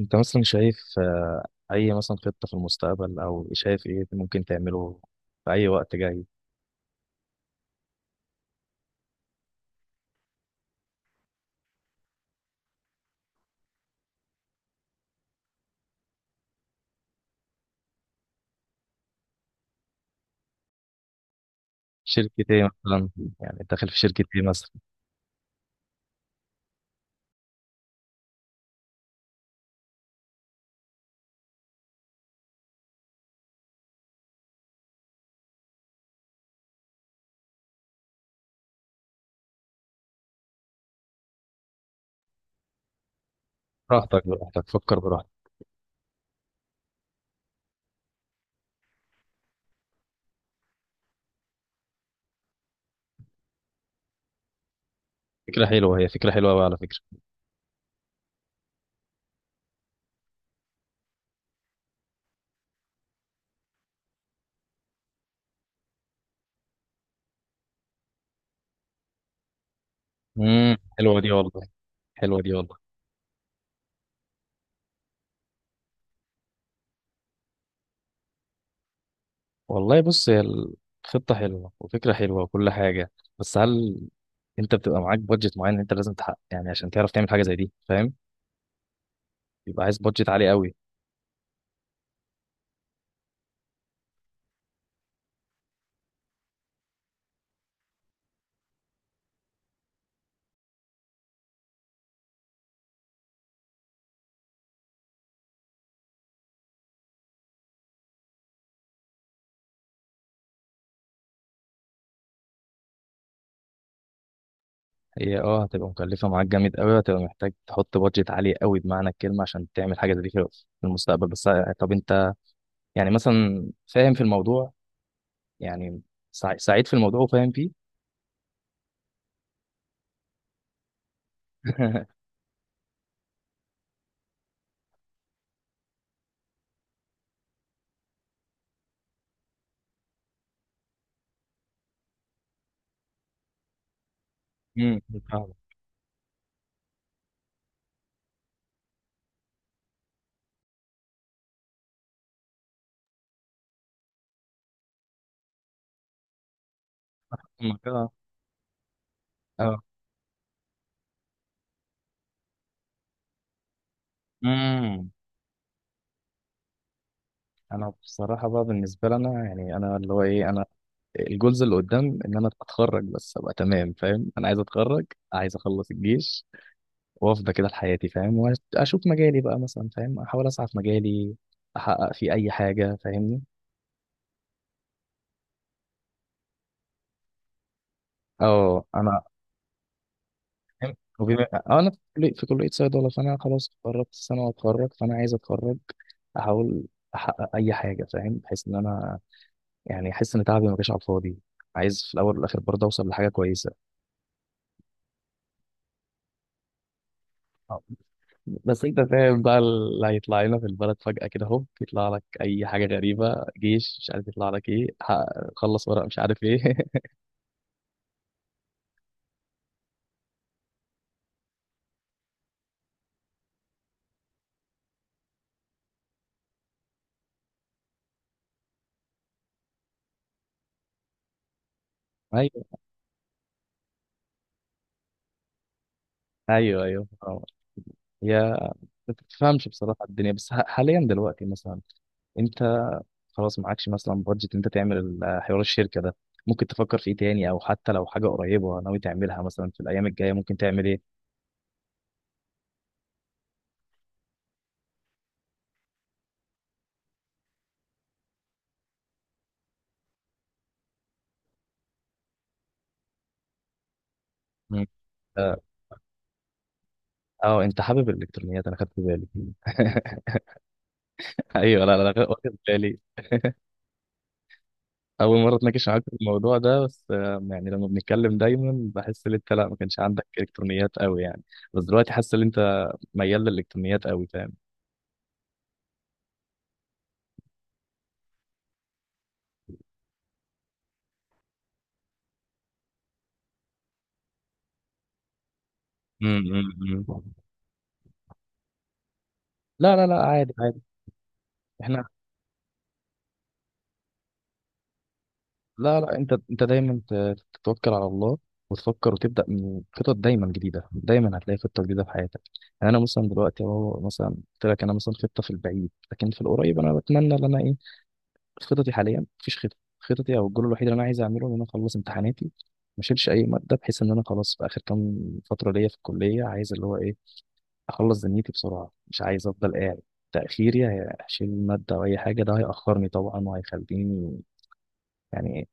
انت مثلا شايف اي مثلا خطة في المستقبل او شايف ايه ممكن تعمله في اي وقت جاي. شركة ايه مثلا؟ يعني داخل في شركة ايه مثلا؟ براحتك براحتك، فكر براحتك. فكرة حلوة، هي فكرة حلوة أوي على فكرة. حلوة دي والله. حلوة دي والله. والله بص، هي الخطة حلوة وفكرة حلوة وكل حاجة. بس هل انت بتبقى معاك بادجت معين انت لازم تحقق، يعني عشان تعرف تعمل حاجة زي دي، فاهم؟ يبقى عايز بادجت عالي قوي. هي اه هتبقى مكلفة معاك جامد قوي، هتبقى محتاج تحط بادجت عالي قوي بمعنى الكلمة عشان تعمل حاجة زي دي في المستقبل. بس طب انت يعني مثلا فاهم في الموضوع، يعني سعيد في الموضوع وفاهم فيه. امم فاهمك فاهمك، اه اه. امم انا بصراحة بقى بالنسبة لنا، يعني انا اللي هو ايه، انا الجولز اللي قدام ان انا اتخرج بس ابقى تمام، فاهم؟ انا عايز اتخرج، عايز اخلص الجيش وافضة كده لحياتي، فاهم؟ واشوف مجالي بقى مثلا، فاهم؟ احاول اسعى في مجالي احقق فيه اي حاجة، فاهمني؟ اه انا فاهم؟ وبما انا في كلية صيدلة، فانا خلاص اتخرجت السنة واتخرج، فانا عايز اتخرج احاول احقق اي حاجة، فاهم؟ بحيث ان انا يعني احس ان تعبي ما جاش على الفاضي، عايز في الاول والاخر برضه اوصل لحاجة كويسة. آه. بس انت فاهم بقى اللي هيطلع لنا في البلد فجأة كده هوب يطلع لك اي حاجة غريبة، جيش مش عارف، يطلع لك ايه، خلص ورق، مش عارف ايه. ايوه ايوه ايوه آه. يا ما بتفهمش بصراحه الدنيا، بس حاليا دلوقتي مثلا، انت خلاص معكش مثلا بادجت انت تعمل حوار الشركه ده، ممكن تفكر في ايه تاني او حتى لو حاجه قريبه ناوي تعملها مثلا في الايام الجايه ممكن تعمل ايه؟ مم. اه انت حابب الالكترونيات، انا خدت بالي. ايوه لا لا لا، واخد بالي اول مره اتناقش معاك في الموضوع ده، بس يعني لما بنتكلم دايما بحس ان انت لا ما كانش عندك الكترونيات قوي يعني، بس دلوقتي حاسس ان انت ميال للالكترونيات قوي، فاهم؟ امم لا لا لا عادي عادي. احنا لا لا، انت دايما تتوكل على الله وتفكر وتبدا من خطط دايما جديده، دايما هتلاقي خطه جديده في حياتك. يعني انا مثلا دلوقتي اهو مثلا قلت لك انا مثلا خطه في البعيد، لكن في القريب انا بتمنى ان انا ايه، خططي حاليا مفيش خطه، خططي او الجول الوحيد اللي انا عايز اعمله ان انا اخلص امتحاناتي، ما اشيلش اي ماده، بحيث ان انا خلاص في اخر كام فتره ليا في الكليه عايز اللي هو ايه، اخلص دنيتي بسرعه، مش عايز افضل قاعد تاخيري. هشيل ماده او اي حاجه ده هياخرني طبعا وهيخليني يعني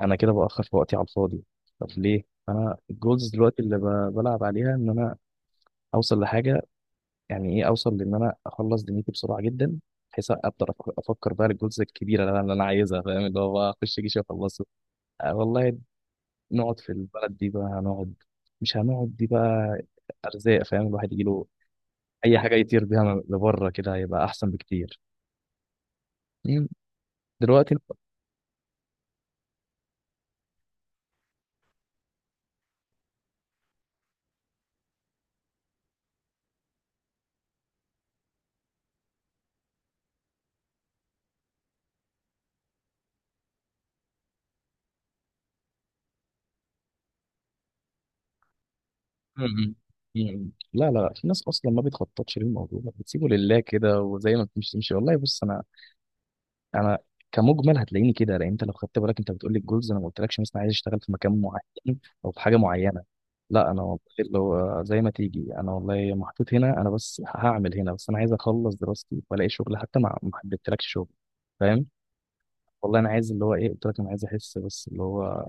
انا كده باخر في وقتي على الفاضي. طب ليه؟ انا الجولز دلوقتي اللي بلعب عليها ان انا اوصل لحاجه، يعني ايه، اوصل لان انا اخلص دنيتي بسرعه جدا بحيث اقدر افكر بقى الجولز الكبيره اللي انا اللي أنا عايزها، فاهم؟ اللي هو بقى اخش جيش واخلصه. آه والله. نقعد في البلد دي بقى هنقعد، مش هنقعد دي بقى. ارزاق، فاهم؟ الواحد يجيله اي حاجه يطير بيها لبره كده هيبقى احسن بكتير. مم. دلوقتي. مم. مم. لا لا لا. في ناس اصلا ما بتخططش للموضوع، بتسيبه لله كده وزي ما بتمشي تمشي. والله بص، انا كمجمل هتلاقيني كده، لان انت لو خدت بالك انت بتقول لي الجولز انا ما قلتلكش مثلا عايز اشتغل في مكان معين او في حاجه معينه، لا انا والله لو زي ما تيجي انا والله محطوط هنا، انا بس هعمل هنا، بس انا عايز اخلص دراستي والاقي شغل، حتى ما حددتلكش شغل، فاهم؟ والله انا عايز اللي هو ايه قلت لك، انا عايز احس بس اللي هو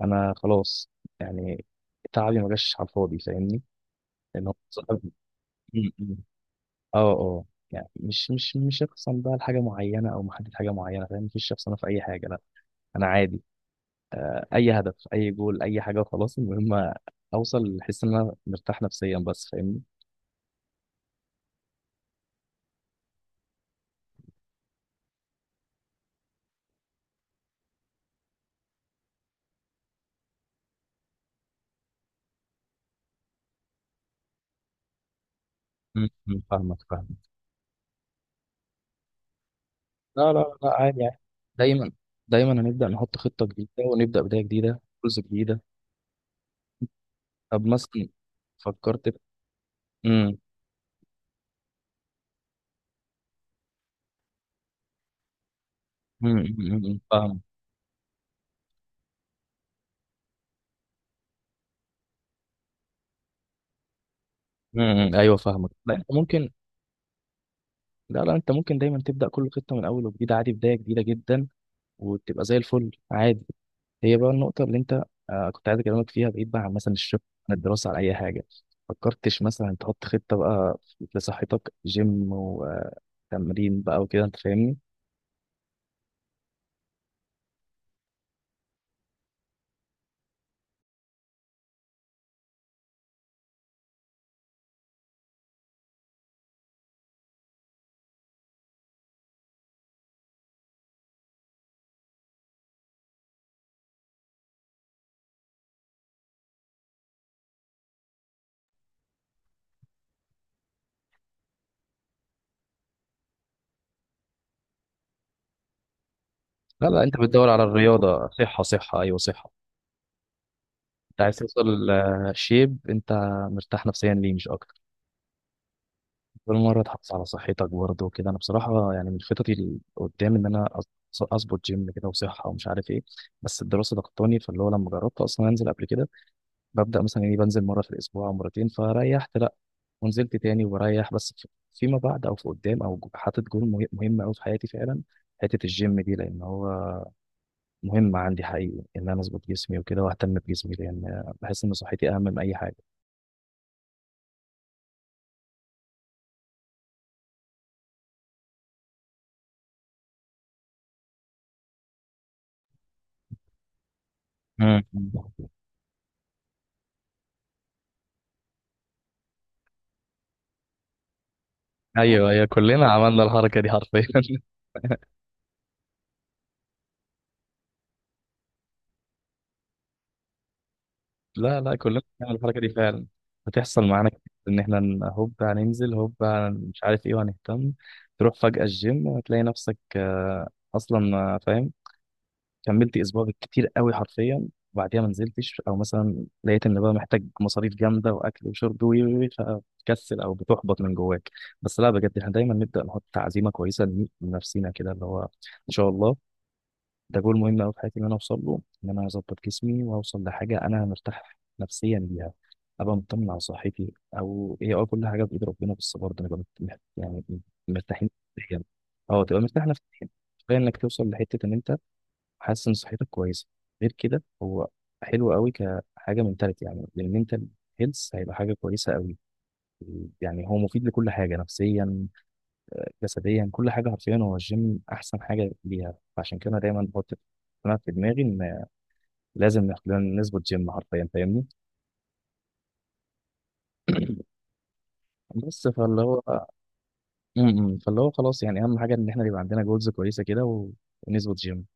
انا خلاص يعني تعبي ما جاش على الفاضي، فاهمني؟ لان هو م. اه اه يعني مش هخصم بقى لحاجه معينه او محدد حاجه معينه، فاهم؟ مفيش شخص انا في اي حاجه لا، انا عادي اي هدف اي جول اي حاجه وخلاص، المهم اوصل احس ان انا مرتاح نفسيا بس، فاهمني؟ م. فاهمك فاهمك. لا لا لا عادي يعني، دايما دايما هنبدا نحط خطه جديده ونبدا بدايه جديده، جزء جديده. طب مثلا فكرت. امم فاهم. ايوه فاهمك. لا انت ممكن، لا لا انت ممكن دايما تبدا كل خطه من اول وجديد عادي، بدايه جديده جدا وتبقى زي الفل عادي. هي بقى النقطة اللي انت آه كنت عايز اكلمك فيها بعيد بقى عن مثلا الشغل عن الدراسة عن اي حاجة، فكرتش مثلا تحط خطة بقى لصحتك جيم وتمرين بقى وكده، انت فاهمني؟ لا لا، انت بتدور على الرياضة، صحة صحة ايوه صحة. انت عايز توصل شيب انت مرتاح نفسيا ليه مش اكتر، كل مرة تحافظ على صحتك برضه وكده. انا بصراحة يعني من خططي اللي قدام ان انا اظبط جيم كده وصحة ومش عارف ايه، بس الدراسة ضغطاني. فاللي هو لما جربت اصلا انزل قبل كده، ببدأ مثلا يعني بنزل مرة في الأسبوع أو مرتين فريحت لأ، ونزلت تاني وبريح بس فيما بعد أو في قدام أو حاطط جول مهم أوي في حياتي فعلا، حتة الجيم دي، لأن هو مهم عندي حقيقي إن أنا أظبط جسمي وكده وأهتم بجسمي، لأن بحس إن صحتي أهم من أي حاجة. مم. ايوه ايوه كلنا عملنا الحركه دي حرفيا. لا لا، كلنا بنعمل الحركة دي فعلا، هتحصل معانا كتير إن إحنا هوب هننزل، هوب مش عارف إيه وهنهتم. تروح فجأة الجيم هتلاقي نفسك أصلا فاهم، كملت اسبوع بالكتير قوي حرفيا وبعديها ما نزلتش، او مثلا لقيت ان بقى محتاج مصاريف جامده واكل وشرب وي وي وي، فبتكسل او بتحبط من جواك. بس لا بجد احنا دايما نبدا نحط عزيمه كويسه لنفسينا كده، اللي هو ان شاء الله ده جول مهم قوي في حياتي ان انا اوصل له، ان انا اظبط جسمي واوصل لحاجه انا مرتاح نفسيا ليها، ابقى مطمن على صحتي. او هي اه كل حاجه بايد ربنا، بس برضه نبقى يعني مرتاحين نفسياً. اه تبقى مرتاح نفسيا، كفايه انك توصل لحته ان انت حاسس ان صحتك كويسه، غير كده هو حلو قوي كحاجه منتاليتي يعني للمنتال هيلث، هيبقى حاجه كويسه قوي يعني، هو مفيد لكل حاجه نفسيا جسديا كل حاجه حرفيا، هو الجيم احسن حاجه ليها. فعشان كده أنا دايما بحط انا في دماغي ان لازم ناخد لنا نظبط جيم حرفيا، فاهمني؟ بس فاللي هو م- م. فاللي هو خلاص يعني، اهم حاجه ان احنا يبقى عندنا جولز كويسه كده ونظبط جيم